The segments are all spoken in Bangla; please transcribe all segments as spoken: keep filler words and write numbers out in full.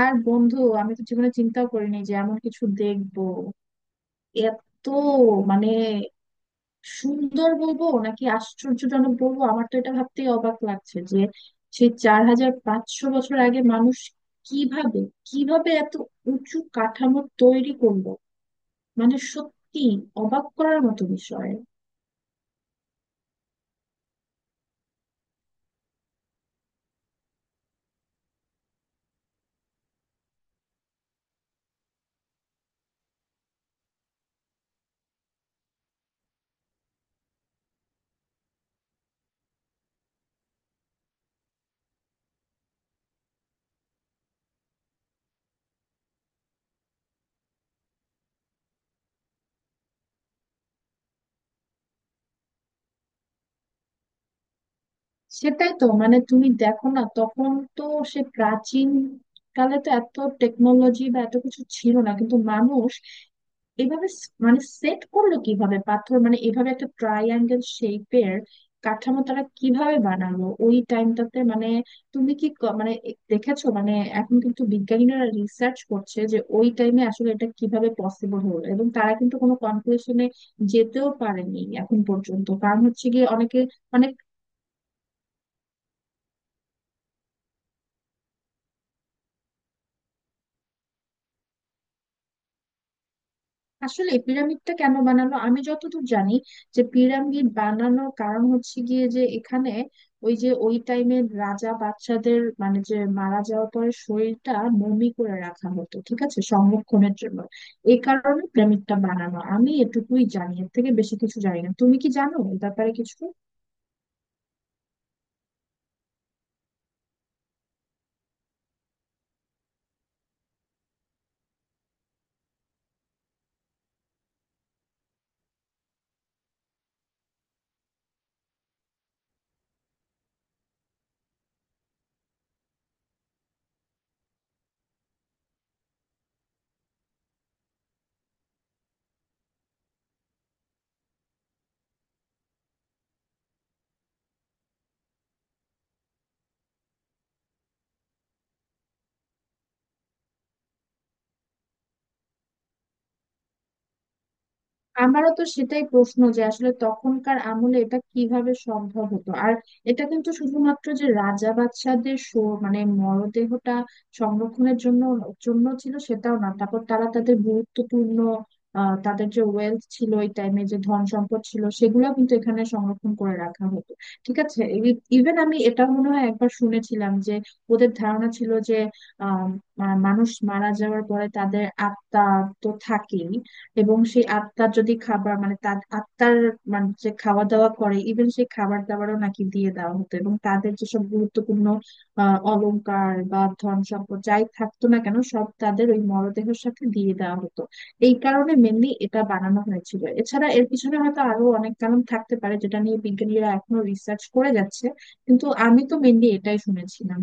আর বন্ধু, আমি তো জীবনে চিন্তাও করিনি যে এমন কিছু দেখবো। এত মানে সুন্দর বলবো নাকি আশ্চর্যজনক বলবো? আমার তো এটা ভাবতেই অবাক লাগছে যে সেই চার হাজার পাঁচশো বছর আগে মানুষ কিভাবে কিভাবে এত উঁচু কাঠামো তৈরি করলো। মানে, সত্যি অবাক করার মতো বিষয়। সেটাই তো। মানে, তুমি দেখো না, তখন তো সে প্রাচীন কালে তো এত টেকনোলজি বা এত কিছু ছিল না, কিন্তু মানুষ এভাবে স- মানে সেট করলো কিভাবে পাথর, মানে এভাবে একটা ট্রাইঅ্যাঙ্গেল শেপের কাঠামো তারা কিভাবে বানালো ওই টাইমটাতে? মানে, তুমি কি ক- মানে এ- দেখেছো? মানে, এখন কিন্তু বিজ্ঞানীরা রিসার্চ করছে যে ওই টাইমে আসলে এটা কিভাবে পসিবল হলো, এবং তারা কিন্তু কোনো কনক্লুশনে যেতেও পারেনি এখন পর্যন্ত, কারণ হচ্ছে গিয়ে অনেকে মানে। আসলে পিরামিডটা কেন বানানো, আমি যতদূর জানি যে পিরামিড বানানোর কারণ হচ্ছে গিয়ে যে এখানে ওই যে ওই টাইমের রাজা বাচ্চাদের, মানে যে মারা যাওয়ার পরে শরীরটা মমি করে রাখা হতো, ঠিক আছে, সংরক্ষণের জন্য। এই কারণে পিরামিডটা বানানো, আমি এটুকুই জানি, এর থেকে বেশি কিছু জানি না। তুমি কি জানো এই ব্যাপারে কিছু? আমারও তো সেটাই প্রশ্ন যে আসলে তখনকার আমলে এটা কিভাবে সম্ভব হতো। আর এটা কিন্তু শুধুমাত্র যে রাজা বাদশাদের শো- মানে মরদেহটা সংরক্ষণের জন্য জন্য ছিল সেটাও না, তারপর তারা তাদের গুরুত্বপূর্ণ আহ তাদের যে ওয়েলথ ছিল ওই টাইমে, যে ধন সম্পদ ছিল, সেগুলো কিন্তু এখানে সংরক্ষণ করে রাখা হতো, ঠিক আছে। ইভেন আমি এটা মনে হয় একবার শুনেছিলাম যে ওদের ধারণা ছিল যে আহ মা- মানুষ মারা যাওয়ার পরে তাদের আত্মা তো থাকেই, এবং সেই আত্মার যদি খাবার, মানে তার আত্মার, মানে যে খাওয়া দাওয়া করে, ইভেন সেই খাবার দাবারও নাকি দিয়ে দেওয়া হতো, এবং তাদের যেসব গুরুত্বপূর্ণ আহ অলংকার বা ধন সম্পদ যাই থাকতো না কেন, সব তাদের ওই মরদেহের সাথে দিয়ে দেওয়া হতো। এই কারণে মেনলি এটা বানানো হয়েছিল, এছাড়া এর পিছনে হয়তো আরো অনেক কারণ থাকতে পারে যেটা নিয়ে বিজ্ঞানীরা এখনো রিসার্চ করে যাচ্ছে, কিন্তু আমি তো মেনলি এটাই শুনেছিলাম।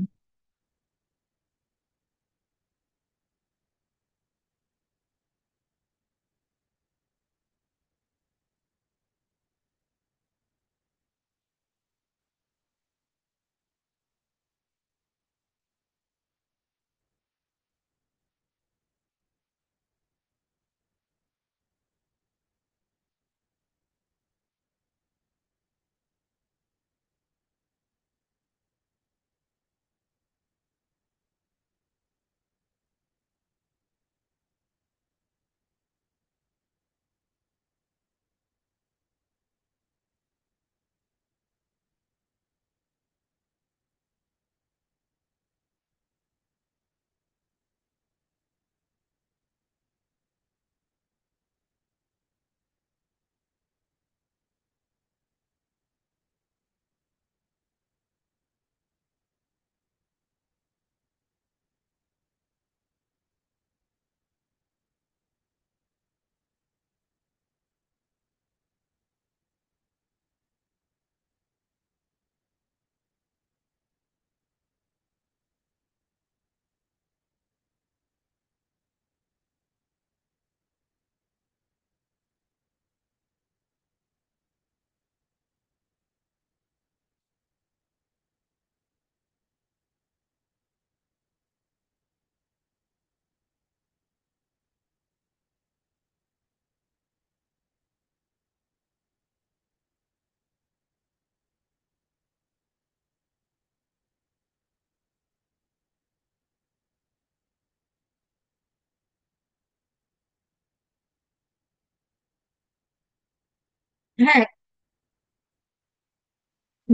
হ্যাঁ।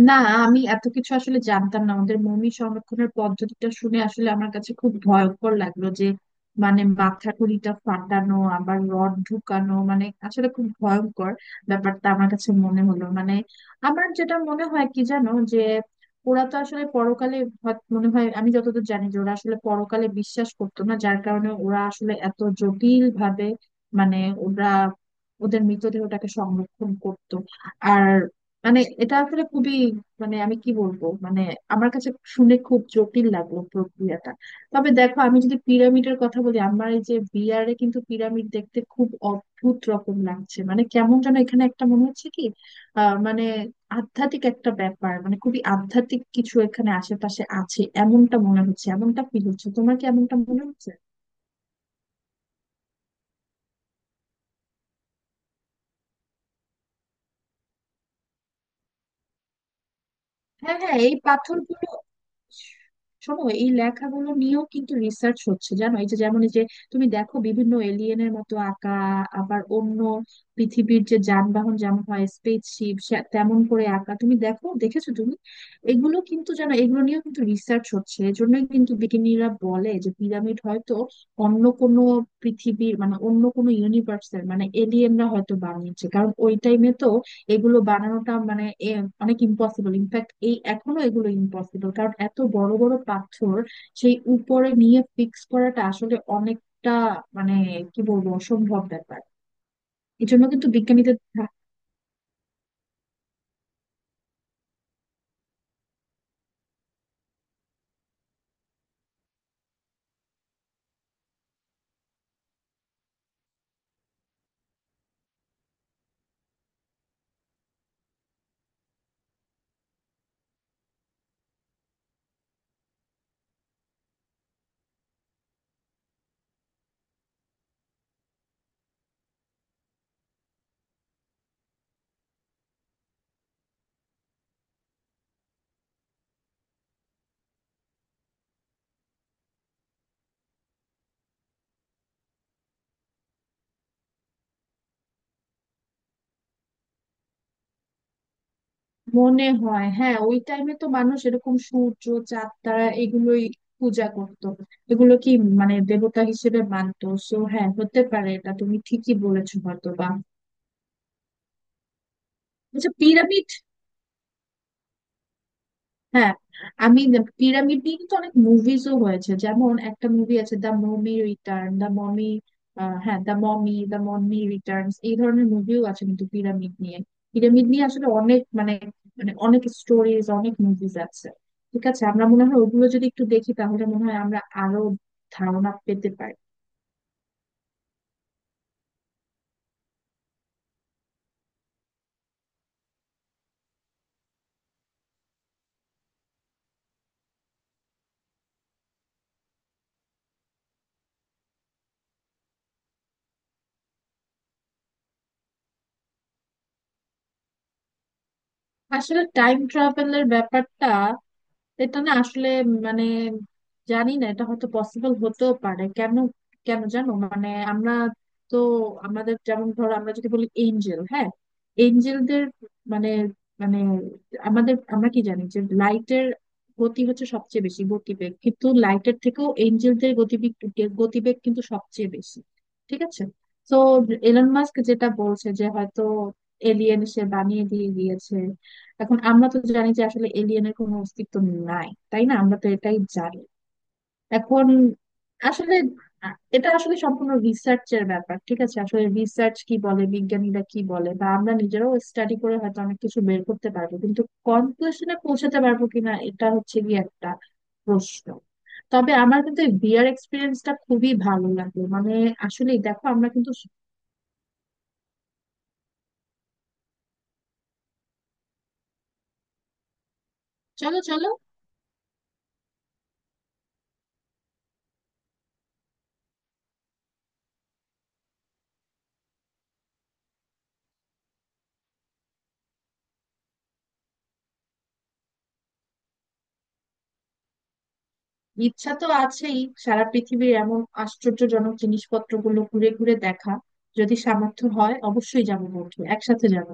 না, আমি এত কিছু আসলে জানতাম না। আমাদের মমি সংরক্ষণের পদ্ধতিটা শুনে আসলে আমার কাছে খুব ভয়ঙ্কর লাগলো, যে মানে মাথা কুলিটা ফাটানো, আবার রড ঢুকানো, মানে আসলে খুব ভয়ঙ্কর ব্যাপারটা আমার কাছে মনে হলো। মানে, আমার যেটা মনে হয় কি জানো, যে ওরা তো আসলে পরকালে হয়- মনে হয়, আমি যতদূর জানি যে ওরা আসলে পরকালে বিশ্বাস করতো না, যার কারণে ওরা আসলে এত জটিল ভাবে, মানে ওরা ওদের মৃতদেহটাকে সংরক্ষণ করতো। আর মানে এটা আসলে খুবই, মানে আমি কি বলবো, মানে আমার কাছে শুনে খুব জটিল লাগলো প্রক্রিয়াটা। তবে দেখো, আমি যদি পিরামিডের কথা বলি, আমার এই যে বিয়ারে কিন্তু পিরামিড দেখতে খুব অদ্ভুত রকম লাগছে, মানে কেমন যেন এখানে একটা মনে হচ্ছে কি, আহ মানে আধ্যাত্মিক একটা ব্যাপার, মানে খুবই আধ্যাত্মিক কিছু এখানে আশেপাশে আছে এমনটা মনে হচ্ছে, এমনটা ফিল হচ্ছে। তোমার কি এমনটা মনে হচ্ছে? হ্যাঁ, হ্যাঁ, এই পাথরগুলো। শোনো, এই লেখাগুলো নিয়েও কিন্তু রিসার্চ হচ্ছে জানো। এই যে যেমন, এই যে তুমি দেখো, বিভিন্ন এলিয়েনের মতো আঁকা, আবার অন্য পৃথিবীর যে যানবাহন যেমন হয় স্পেসশিপ, তেমন করে আঁকা। তুমি দেখো, দেখেছো তুমি? এগুলো কিন্তু জানো, এগুলো নিয়েও কিন্তু রিসার্চ হচ্ছে। এজন্যই কিন্তু বিজ্ঞানীরা বলে যে পিরামিড হয়তো অন্য কোনো পৃথিবীর, মানে অন্য কোনো ইউনিভার্সের, মানে এলিয়েনরা হয়তো বানিয়েছে, কারণ ওই টাইমে তো এগুলো বানানোটা মানে এ অনেক ইম্পসিবল। ইনফ্যাক্ট এই এখনো এগুলো ইম্পসিবল, কারণ এত বড় বড় পাথর সেই উপরে নিয়ে ফিক্স করাটা আসলে অনেকটা, মানে কি বলবো, অসম্ভব ব্যাপার। এই জন্য কিন্তু বিজ্ঞানীদের ধা- মনে হয়, হ্যাঁ। ওই টাইমে তো মানুষ এরকম সূর্য, চাঁদ, তারা এগুলোই পূজা করতো। এগুলো কি, মানে দেবতা হিসেবে মানতো। সো, হ্যাঁ, হতে পারে, এটা তুমি ঠিকই বলেছো, হয়তো বা। আচ্ছা, পিরামিড। হ্যাঁ। আমি পিরামিড নিয়ে কিন্তু অনেক মুভিজও হয়েছে, যেমন একটা মুভি আছে the mummy return, the mummy, হ্যাঁ, the mummy, the mummy returns, এই ধরনের মুভিও আছে কিন্তু পিরামিড নিয়ে পিরামিড নিয়ে আসলে অনেক মানে মানে অনেক স্টোরিজ, অনেক মুভিজ আছে। ঠিক আছে, আমরা মনে হয় ওগুলো যদি একটু দেখি তাহলে মনে হয় আমরা আরো ধারণা পেতে পারি। আসলে টাইম ট্রাভেলের ব্যাপারটা, এটা না আসলে মানে জানি না, এটা হয়তো পসিবল হতেও পারে। কেন কেন জানো, মানে আমরা তো আমাদের যেমন, ধরো আমরা যদি বলি এঞ্জেল, হ্যাঁ, এঞ্জেলদের মানে, মানে আমাদের আমরা কি জানি যে লাইটের গতি হচ্ছে সবচেয়ে বেশি গতিবেগ, কিন্তু লাইটের থেকেও এঞ্জেলদের গতিবেগ গতিবেগ কিন্তু সবচেয়ে বেশি, ঠিক আছে। তো এলন মাস্ক যেটা বলছে যে হয়তো এলিয়েন সে বানিয়ে দিয়ে দিয়েছে, এখন আমরা তো জানি যে আসলে এলিয়েনের কোনো অস্তিত্ব নাই, তাই না? আমরা তো এটাই জানি। এখন আসলে আ- এটা আসলে সম্পূর্ণ রিসার্চের ব্যাপার, ঠিক আছে। আসলে রিসার্চ কি বলে, বিজ্ঞানীরা কি বলে, বা আমরা নিজেরাও স্টাডি করে হয়তো অনেক কিছু বের করতে পারবো, কিন্তু কনক্লুশনে পৌঁছাতে পারবো কিনা, এটা হচ্ছে গিয়ে একটা প্রশ্ন। তবে আমার কিন্তু এই বিয়ার এক্সপিরিয়েন্সটা খুবই ভালো লাগলো, মানে আসলেই দেখো আমরা কিন্তু। চলো, চলো। ইচ্ছা তো আছেই, সারা পৃথিবীর এমন আশ্চর্যজনক জিনিসপত্রগুলো ঘুরে ঘুরে দেখা, যদি সামর্থ্য হয় অবশ্যই যাব বন্ধু, একসাথে যাব।